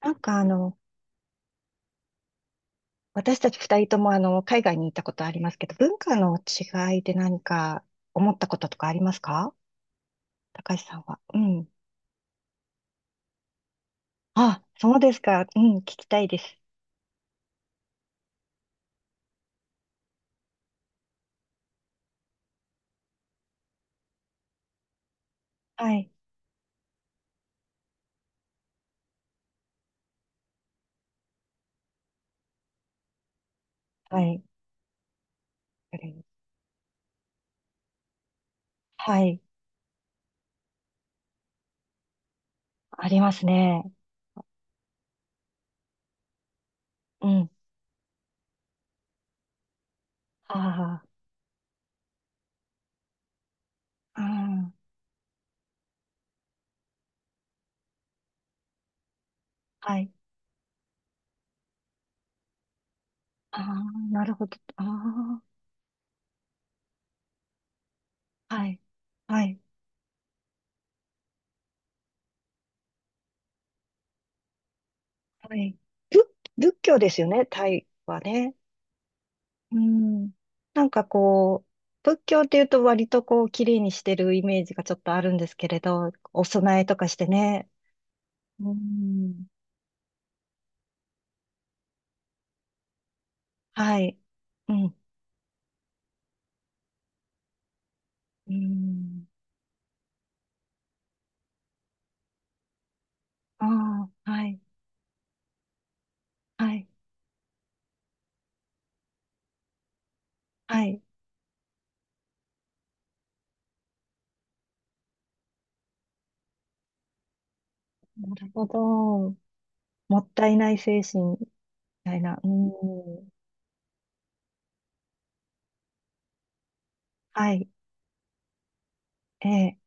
なんか私たち二人とも海外に行ったことありますけど、文化の違いで何か思ったこととかありますか、高橋さんは？うん。あ、そうですか。うん、聞きたいです。はい。はい。はい。ありますね。うん。ああ、ああ、はい。ああ、なるほど。ああ、はい。はい。はい。仏、仏教ですよね、タイはね。うん。なんかこう、仏教っていうと割とこう、綺麗にしてるイメージがちょっとあるんですけれど、お供えとかしてね。うん。はい。うん。うん。ああ、はい。はい。はい。なるほど。もったいない精神みたいな。うん。はい。ええ。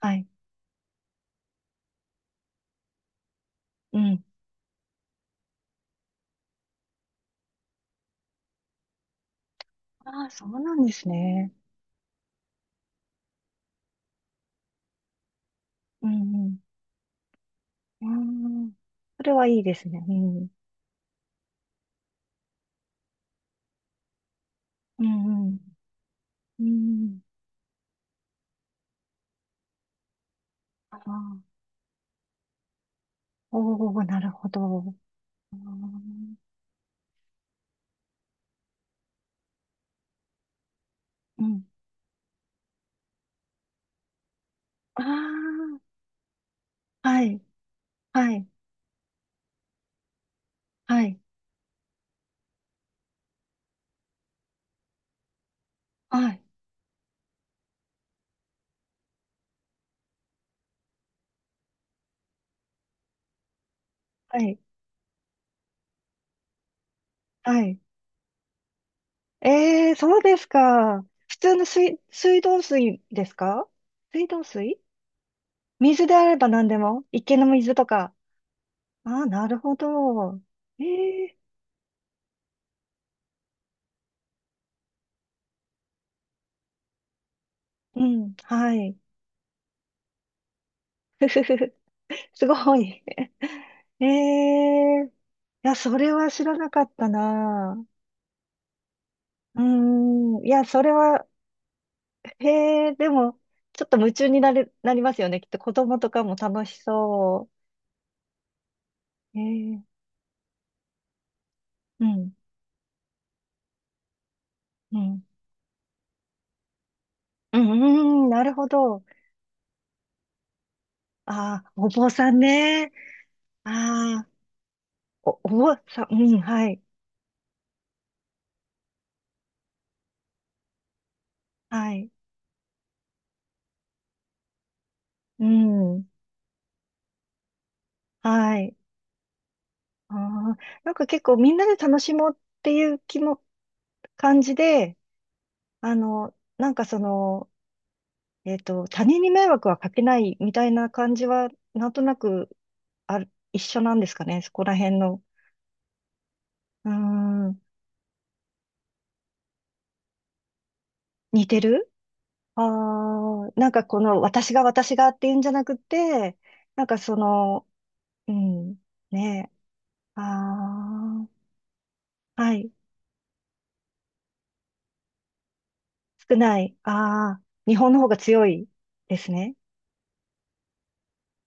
はい。うん。ああ、そうなんですね。うん。うん。あん。それはいいですね。うん。うん。うん。うん。ああ。おお、なるほど。あーうん。ああ、はい、はい、はい、はい、はい、はい。ええー、そうですか。普通の水、水道水ですか？水道水？水であれば何でも。池の水とか。ああ、なるほど。ええー、うん、はい。ふふふふ、すごい。ええー、いや、それは知らなかったな。うーん、いや、それは、へえ、でも、ちょっと夢中になれ、なりますよね。きっと子供とかも楽しそう。へえ、うん、うん。うん、うん、なるほど。ああ、お坊さんね。ああ、お坊さん、うん、はい、はい、うん、はい。ああ、なんか結構みんなで楽しもうっていう気も、感じで、なんかその、他人に迷惑はかけないみたいな感じは、なんとなく、ある、一緒なんですかね。そこら辺の。うーん、似てる。ああー、なんかこの私が私がっていうんじゃなくて、なんかその、うん、ねえ、ああ、はい、少ない、ああ、日本の方が強いですね。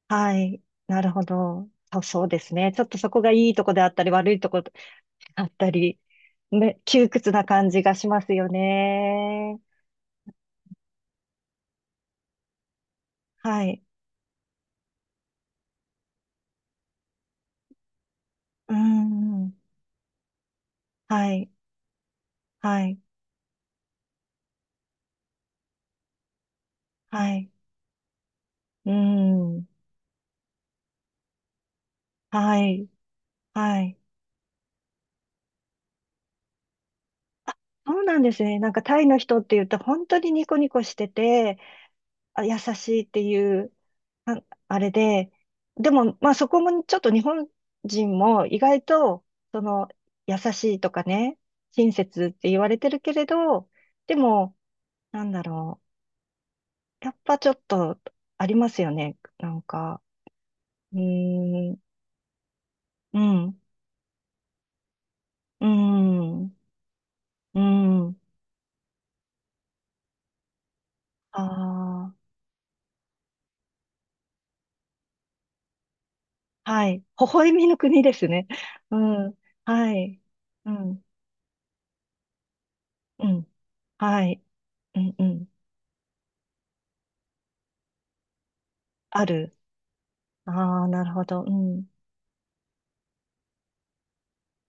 はい、なるほど。そうそうですね。ちょっとそこがいいとこであったり、悪いとこであったり、ね、窮屈な感じがしますよね。はい、うん、はい、はい、はい、うん、はい、はい。そうなんですね。なんかタイの人って言うと本当にニコニコしてて、あ、優しいっていうあ、あれで、でもまあそこもちょっと日本人も意外とその優しいとかね、親切って言われてるけれど、でもなんだろう。やっぱちょっとありますよね。なんか、うーん、うん、うーん、うーん、ああー。はい。微笑みの国ですね。うん。はい。うん。うん。はい。うん。うん。ある。ああ、なるほど。うん。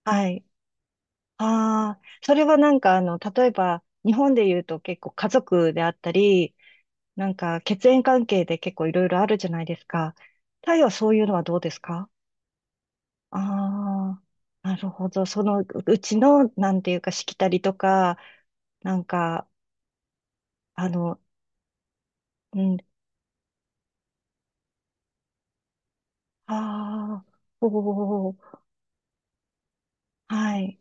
はい。ああ、それはなんか、例えば、日本で言うと結構家族であったり、なんか血縁関係で結構いろいろあるじゃないですか。タイはそういうのはどうですか？ああー、なるほど。そのうちの、なんていうか、しきたりとか、なんか、あの、うん。ああ、おお、はい。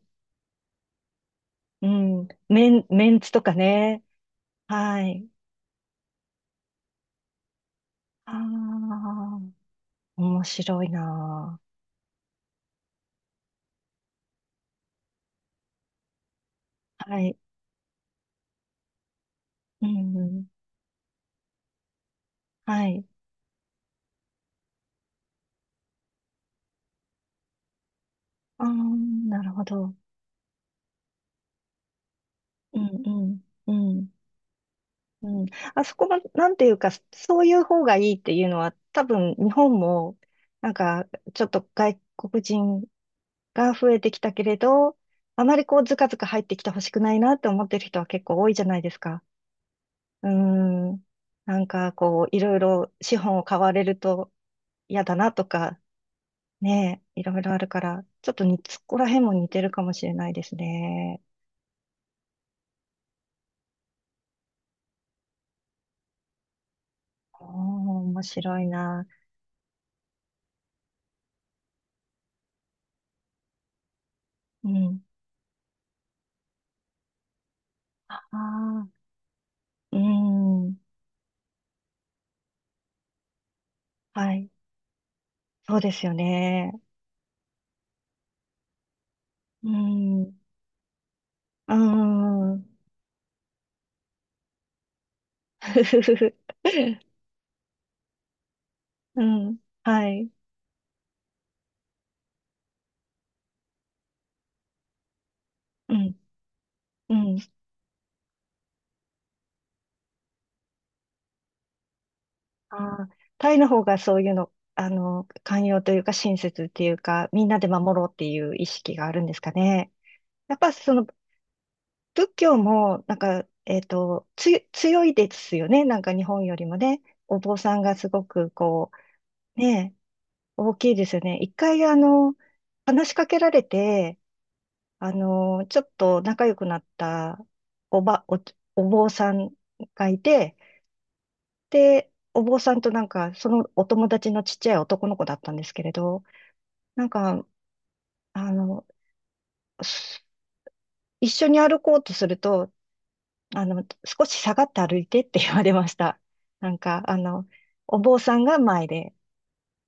うん。メンツとかね。はい。ああ、面白いなあ。はい。うん、うん。はい。ああ、なるほど。うん、うん、うん、うん。あそこも、なんていうか、そういう方がいいっていうのは、多分、日本も、なんか、ちょっと外国人が増えてきたけれど、あまりこう、ずかずか入ってきてほしくないなって思ってる人は結構多いじゃないですか。うーん。なんかこう、いろいろ資本を買われると嫌だなとか、ねえ、いろいろあるから、ちょっとに、そこら辺も似てるかもしれないですね。おー、面白いな。うん。ああ、うん。はい。そうですよね。うーん。うん。うん。はい。うん。うん。ああ、タイの方がそういうの、寛容というか親切っていうか、みんなで守ろうっていう意識があるんですかね。やっぱその仏教も、なんか、強いですよね。なんか日本よりもね。お坊さんがすごくこう、ね、大きいですよね。一回話しかけられて、ちょっと仲良くなったおば、お、お坊さんがいて、で、お坊さんとなんか、そのお友達のちっちゃい男の子だったんですけれど、なんか、あの、す一緒に歩こうとすると、少し下がって歩いてって言われました。なんか、お坊さんが前で、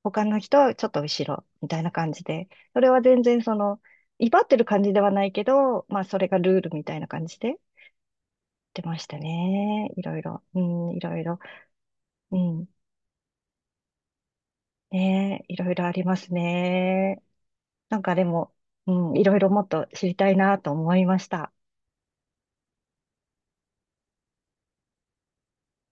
他の人はちょっと後ろ、みたいな感じで、それは全然その、威張ってる感じではないけど、まあ、それがルールみたいな感じで言ってましたね。いろいろ、うん、いろいろ、うん、ね、いろいろありますね。なんかでも、うん、いろいろもっと知りたいなと思いました。